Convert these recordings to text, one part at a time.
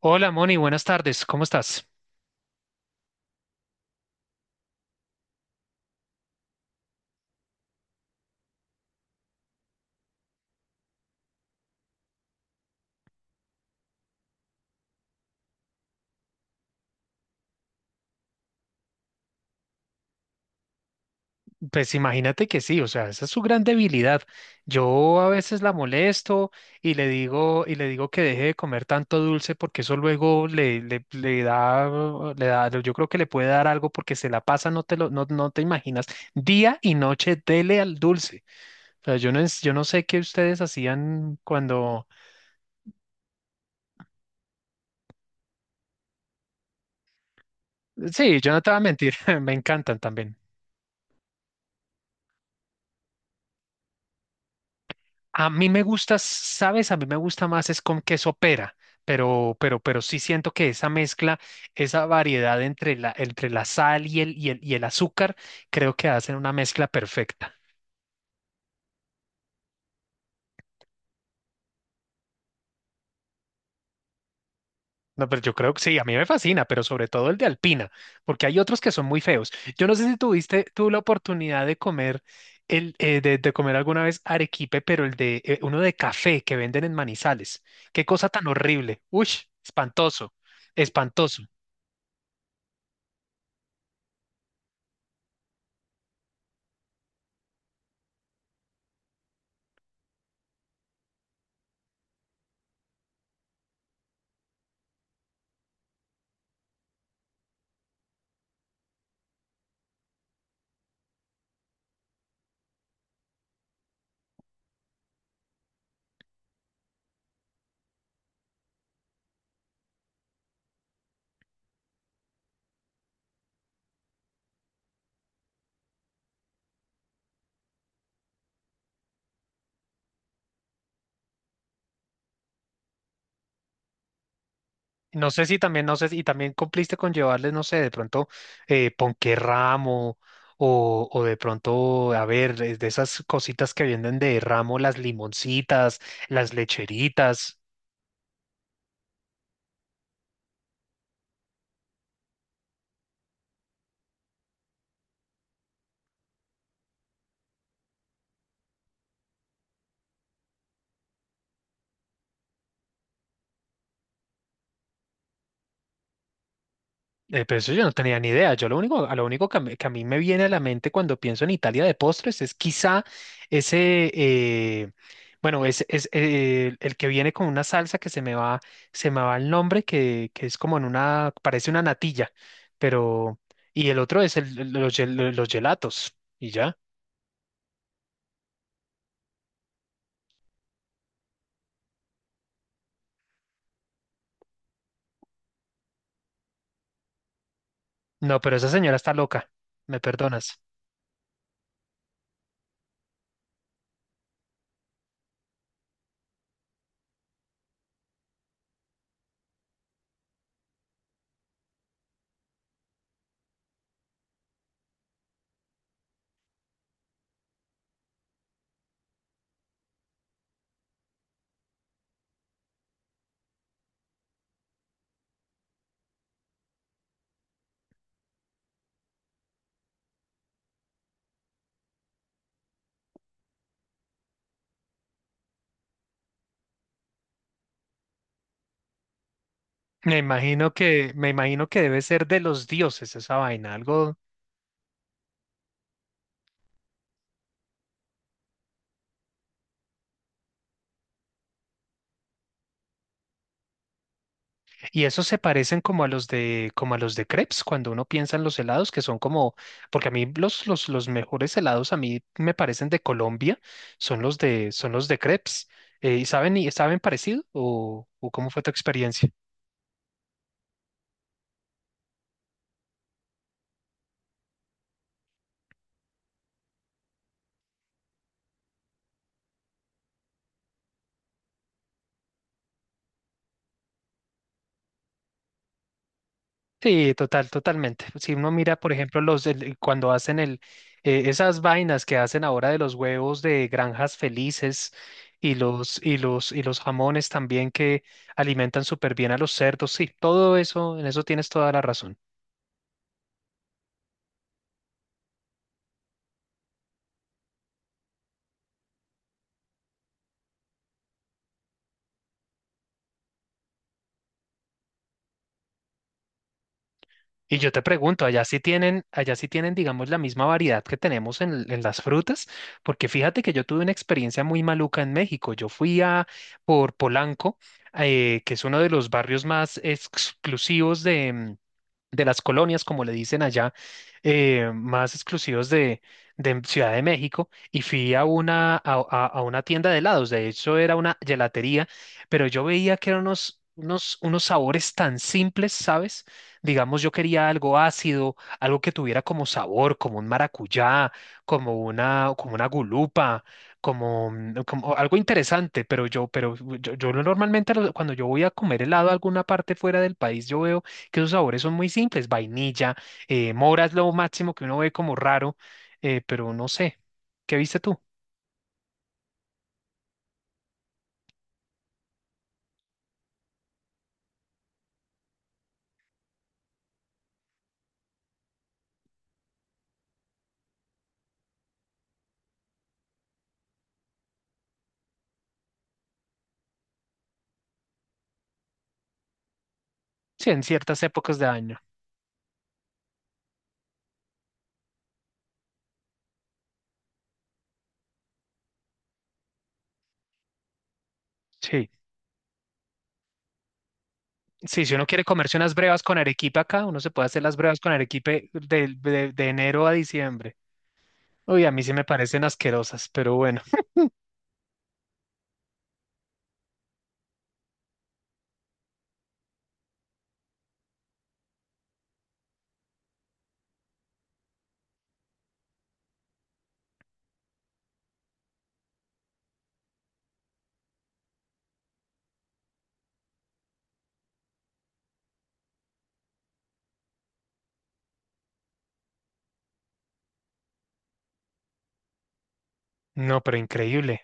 Hola Moni, buenas tardes, ¿cómo estás? Pues imagínate que sí, o sea, esa es su gran debilidad. Yo a veces la molesto y le digo, que deje de comer tanto dulce porque eso luego le da, yo creo que le puede dar algo porque se la pasa, no te imaginas, día y noche dele al dulce. O sea, yo no sé qué ustedes hacían cuando, sí, yo no te voy a mentir, me encantan también. A mí me gusta, ¿sabes? A mí me gusta más es con queso pera, pero sí siento que esa mezcla, esa variedad entre la sal y el azúcar, creo que hacen una mezcla perfecta. No, pero yo creo que sí, a mí me fascina, pero sobre todo el de Alpina, porque hay otros que son muy feos. Yo no sé si tuviste tú la oportunidad de comer de comer alguna vez arequipe, pero el de uno de café que venden en Manizales. Qué cosa tan horrible. Uy, espantoso, espantoso. No sé si también, no sé, y también cumpliste con llevarles, no sé, de pronto ponquerramo o de pronto, a ver, es de esas cositas que venden de ramo, las limoncitas, las lecheritas. Pero eso yo no tenía ni idea. Yo lo único, a lo único que a mí me viene a la mente cuando pienso en Italia de postres es quizá ese, bueno, es el que viene con una salsa que se me va el nombre, que es como en una, parece una natilla, pero, y el otro es los gelatos, y ya. No, pero esa señora está loca, me perdonas. Me imagino que debe ser de los dioses esa vaina, algo. Y esos se parecen como como a los de crepes, cuando uno piensa en los helados, que son como, porque a mí los mejores helados a mí me parecen de Colombia, son son los de crepes. ¿Y y saben parecido? O cómo fue tu experiencia? Sí, total, totalmente. Si uno mira, por ejemplo, cuando hacen el esas vainas que hacen ahora de los huevos de granjas felices y los jamones también que alimentan súper bien a los cerdos, sí, todo eso, en eso tienes toda la razón. Y yo te pregunto, allá sí tienen, digamos, la misma variedad que tenemos en las frutas, porque fíjate que yo tuve una experiencia muy maluca en México. Yo fui a por Polanco, que es uno de los barrios más exclusivos de las colonias, como le dicen allá, más exclusivos de Ciudad de México, y fui a una tienda de helados, de hecho era una gelatería, pero yo veía que eran unos sabores tan simples, ¿sabes? Digamos, yo quería algo ácido, algo que tuviera como sabor, como un maracuyá, como una gulupa. Como, como algo interesante, yo normalmente cuando yo voy a comer helado a alguna parte fuera del país, yo veo que sus sabores son muy simples, vainilla, mora es lo máximo que uno ve como raro, pero no sé. ¿Qué viste tú? Sí, en ciertas épocas de año. Sí. Sí, si uno quiere comerse unas brevas con arequipe acá, uno se puede hacer las brevas con arequipe de enero a diciembre. Uy, a mí sí me parecen asquerosas, pero bueno. No, pero increíble.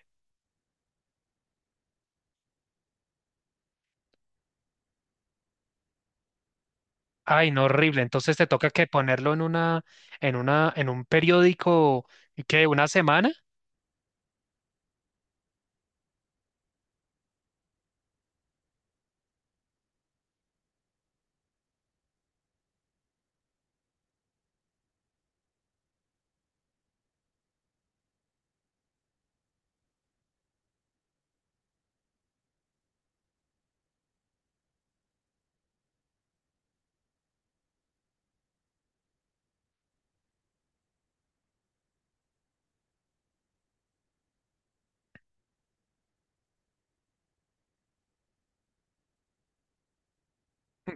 Ay, no, horrible. Entonces te toca que ponerlo en un periódico, ¿qué? ¿Una semana?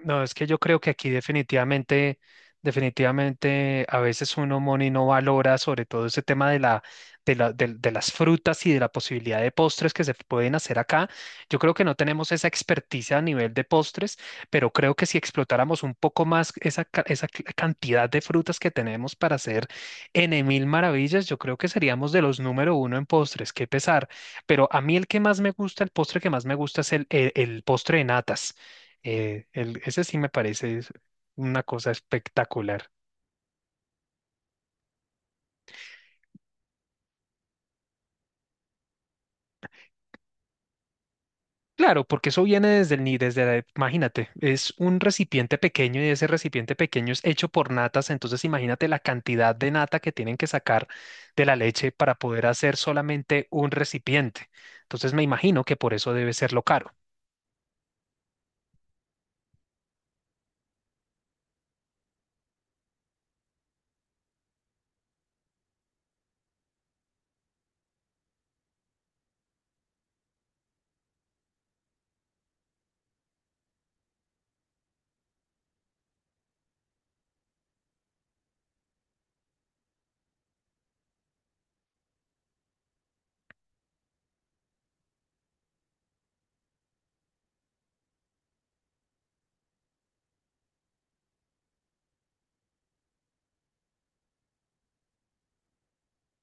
No, es que yo creo que aquí definitivamente, definitivamente a veces uno, Moni, no valora sobre todo ese tema de las frutas y de la posibilidad de postres que se pueden hacer acá. Yo creo que no tenemos esa experticia a nivel de postres, pero creo que si explotáramos un poco más esa cantidad de frutas que tenemos para hacer en mil maravillas, yo creo que seríamos de los número uno en postres, qué pesar. Pero a mí el que más me gusta, el postre que más me gusta es el postre de natas. Ese sí me parece es una cosa espectacular. Claro, porque eso viene desde el ni desde la, imagínate, es un recipiente pequeño y ese recipiente pequeño es hecho por natas, entonces imagínate la cantidad de nata que tienen que sacar de la leche para poder hacer solamente un recipiente. Entonces me imagino que por eso debe ser lo caro.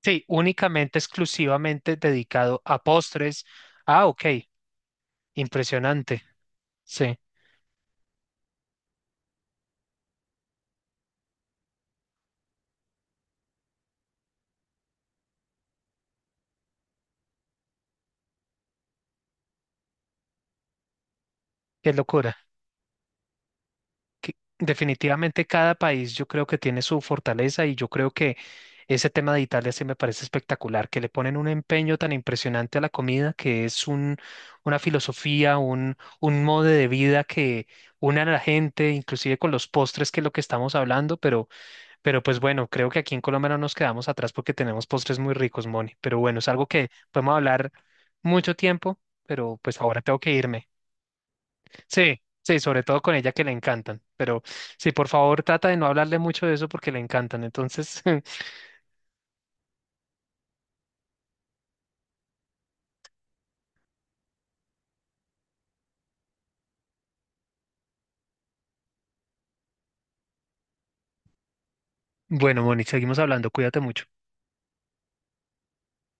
Sí, únicamente, exclusivamente dedicado a postres. Ah, ok, impresionante. Sí, qué locura. Definitivamente cada país yo creo que tiene su fortaleza y yo creo que ese tema de Italia sí me parece espectacular, que le ponen un empeño tan impresionante a la comida que es un, una filosofía, un modo de vida que une a la gente, inclusive con los postres, que es lo que estamos hablando, pero pues bueno, creo que aquí en Colombia no nos quedamos atrás porque tenemos postres muy ricos, Moni. Pero bueno, es algo que podemos hablar mucho tiempo, pero pues ahora tengo que irme. Sí, sí, sobre todo con ella que le encantan. Pero sí, por favor, trata de no hablarle mucho de eso porque le encantan. Entonces, bueno, Moni, seguimos hablando. Cuídate mucho.